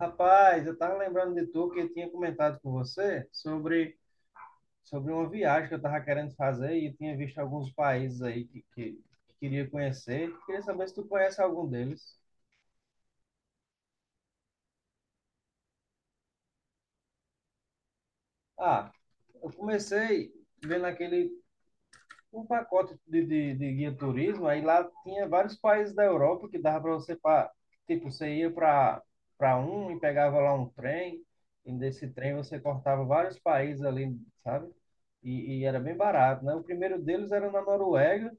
Rapaz, eu estava lembrando de tu que eu tinha comentado com você sobre uma viagem que eu estava querendo fazer e eu tinha visto alguns países aí que queria conhecer. Queria saber se tu conhece algum deles. Ah, eu comecei vendo aquele um pacote de guia turismo, aí lá tinha vários países da Europa que dava para você, pra, tipo, você ia para um e pegava lá um trem, e desse trem você cortava vários países ali, sabe? E era bem barato, né? O primeiro deles era na Noruega,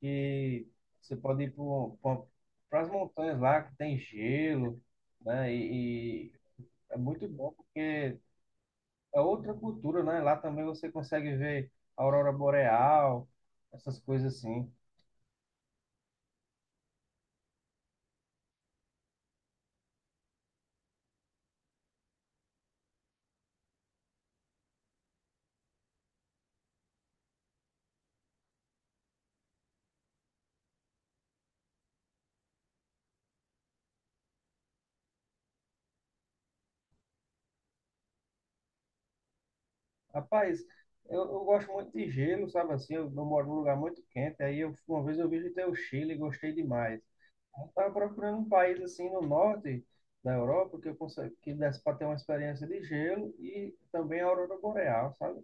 que você pode ir para as montanhas lá, que tem gelo, né? E é muito bom porque é outra cultura, né? Lá também você consegue ver a aurora boreal, essas coisas assim. Rapaz, eu gosto muito de gelo, sabe assim? Eu moro num lugar muito quente, aí eu, uma vez eu visitei o Chile e gostei demais. Eu estava procurando um país assim no norte da Europa que eu consegue, que desse para ter uma experiência de gelo e também a aurora boreal, sabe?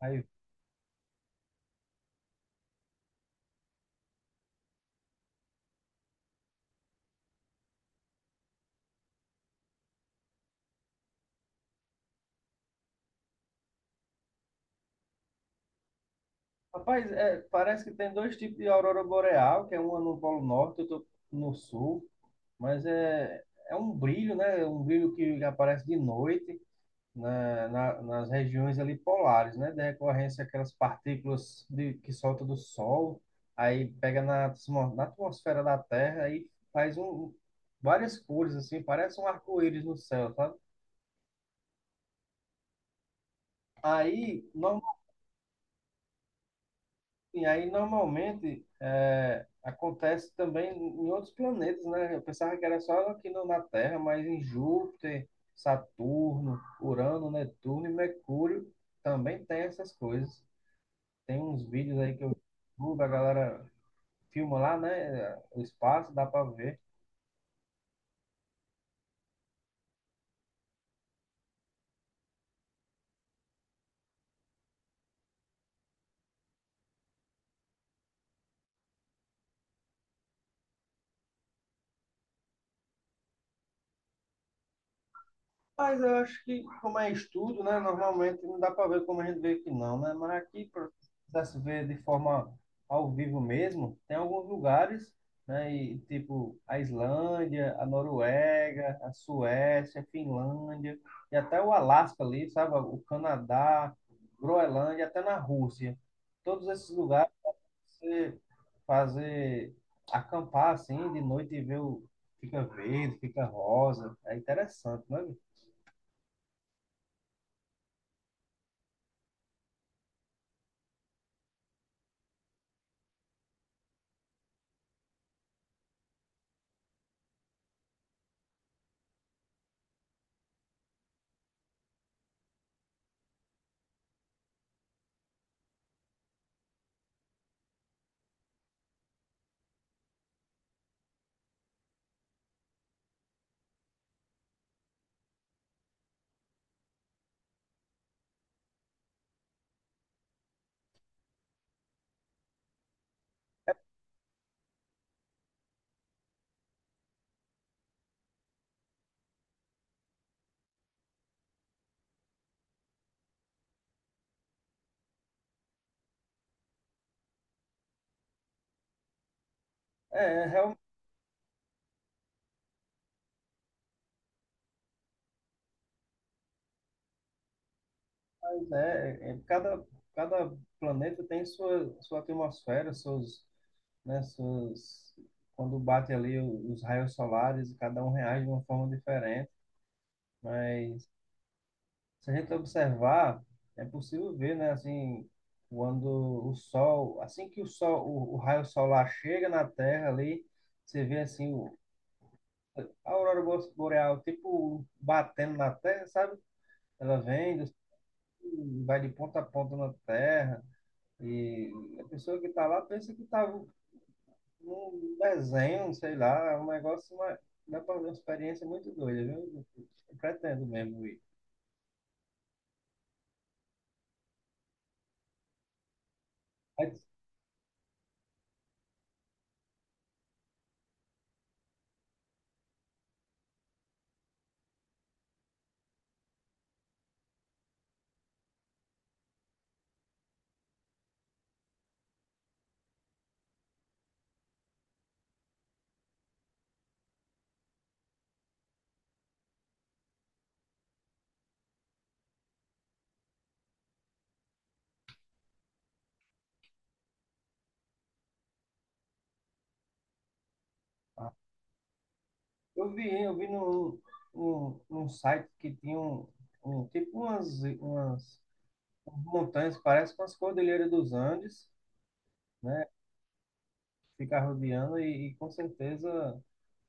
Aí, rapaz, é, parece que tem dois tipos de aurora boreal, que é uma no Polo Norte, outra no Sul. Mas é, é um brilho, né? É um brilho que aparece de noite nas regiões ali polares, né? Da recorrência aquelas partículas de, que solta do Sol, aí pega na, na atmosfera da Terra e faz um, várias cores, assim, parece um arco-íris no céu, sabe? Aí, no- E aí, normalmente, é, acontece também em outros planetas, né? Eu pensava que era só aqui no- na Terra, mas em Júpiter, Saturno, Urano, Netuno e Mercúrio também tem essas coisas. Tem uns vídeos aí que eu vi, no YouTube, a galera filma lá, né? O espaço, dá para ver. Mas eu acho que, como é estudo, né? Normalmente não dá para ver como a gente vê aqui, não, né? Mas aqui, para se ver de forma ao vivo mesmo, tem alguns lugares, né? E, tipo, a Islândia, a Noruega, a Suécia, a Finlândia, e até o Alasca ali, sabe? O Canadá, Groenlândia, até na Rússia. Todos esses lugares, você fazer, acampar assim, de noite e ver o. Fica verde, fica rosa. É interessante, né? É, realmente, né? é, é, Cada, cada planeta tem sua, sua atmosfera, seus, né, suas, quando bate ali os raios solares, cada um reage de uma forma diferente. Mas se a gente observar, é possível ver, né, assim, quando o sol, assim que o sol, o raio solar chega na Terra ali, você vê assim o, a boreal, tipo batendo na Terra, sabe? Ela vem, vai de ponta a ponta na Terra. E a pessoa que está lá pensa que está num desenho, sei lá, é um negócio, uma, dá pra uma experiência muito doida, viu? Eu pretendo mesmo ir. Mas eu vi num site que tinha um, um tipo umas, umas montanhas, parece com as Cordilheiras dos Andes, né? Fica rodeando e com certeza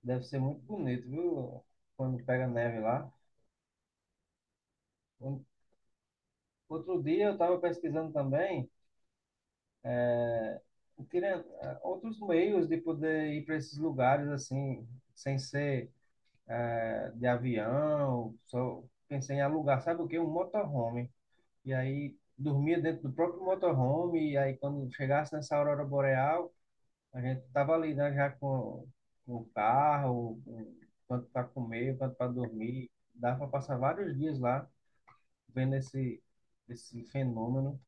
deve ser muito bonito, viu? Quando pega neve lá. Um- Outro dia eu estava pesquisando também. Teria outros meios de poder ir para esses lugares assim, sem ser eh, de avião. Só pensei em alugar, sabe o quê? Um motorhome. E aí dormia dentro do próprio motorhome. E aí quando chegasse nessa aurora boreal, a gente tava ali, né, já com o carro, com, quanto para comer, quanto para dormir. Dá para passar vários dias lá vendo esse, esse fenômeno.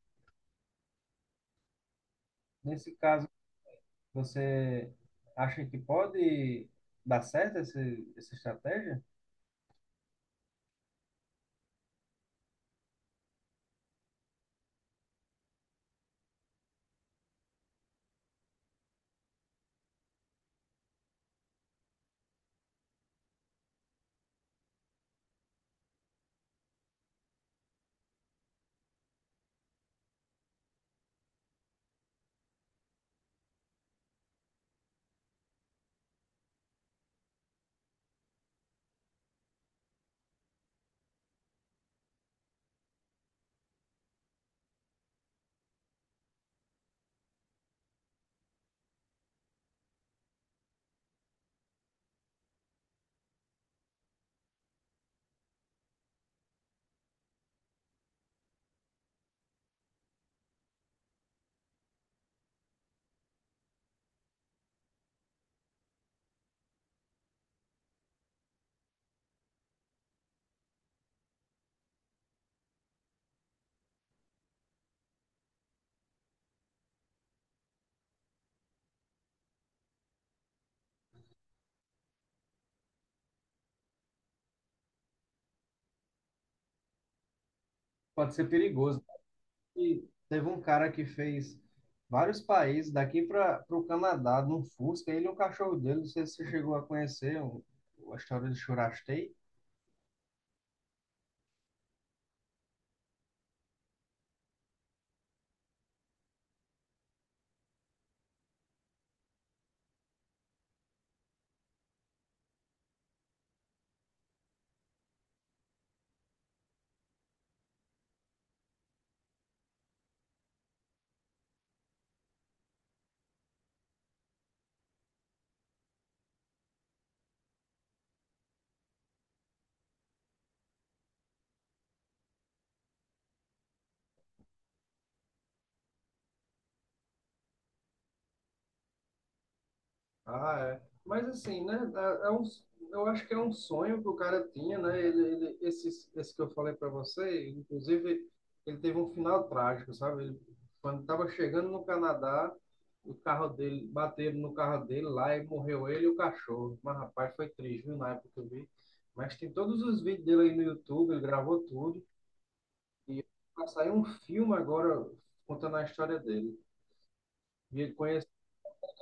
Nesse caso, você acha que pode dar certo essa estratégia? Pode ser perigoso. E teve um cara que fez vários países, daqui para o Canadá, num Fusca, ele e um cachorro dele, não sei se você chegou a conhecer a história de Churastei. Ah, é. Mas assim, né? É um, eu acho que é um sonho que o cara tinha, né? Esse que eu falei para você, inclusive, ele teve um final trágico, sabe? Ele, quando estava chegando no Canadá, o carro dele, bateram no carro dele lá e morreu ele e o cachorro. Mas, rapaz, foi triste, viu? Na época que eu vi. Mas tem todos os vídeos dele aí no YouTube, ele gravou tudo. E vai sair um filme agora contando a história dele. E ele conheceu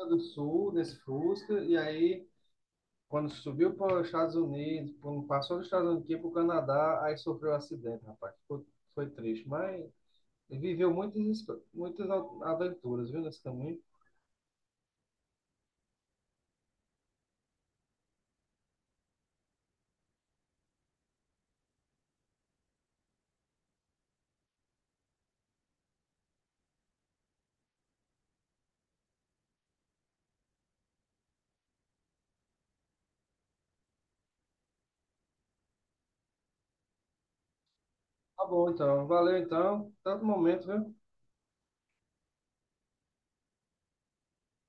a do Sul, nesse Fusca, e aí. Quando subiu para os Estados Unidos, quando passou dos Estados Unidos para o Canadá, aí sofreu um acidente, rapaz. Foi, foi triste, mas ele viveu muitas, muitas aventuras, viu, nesse caminho. Tá bom, então. Valeu, então. Tanto momento, viu?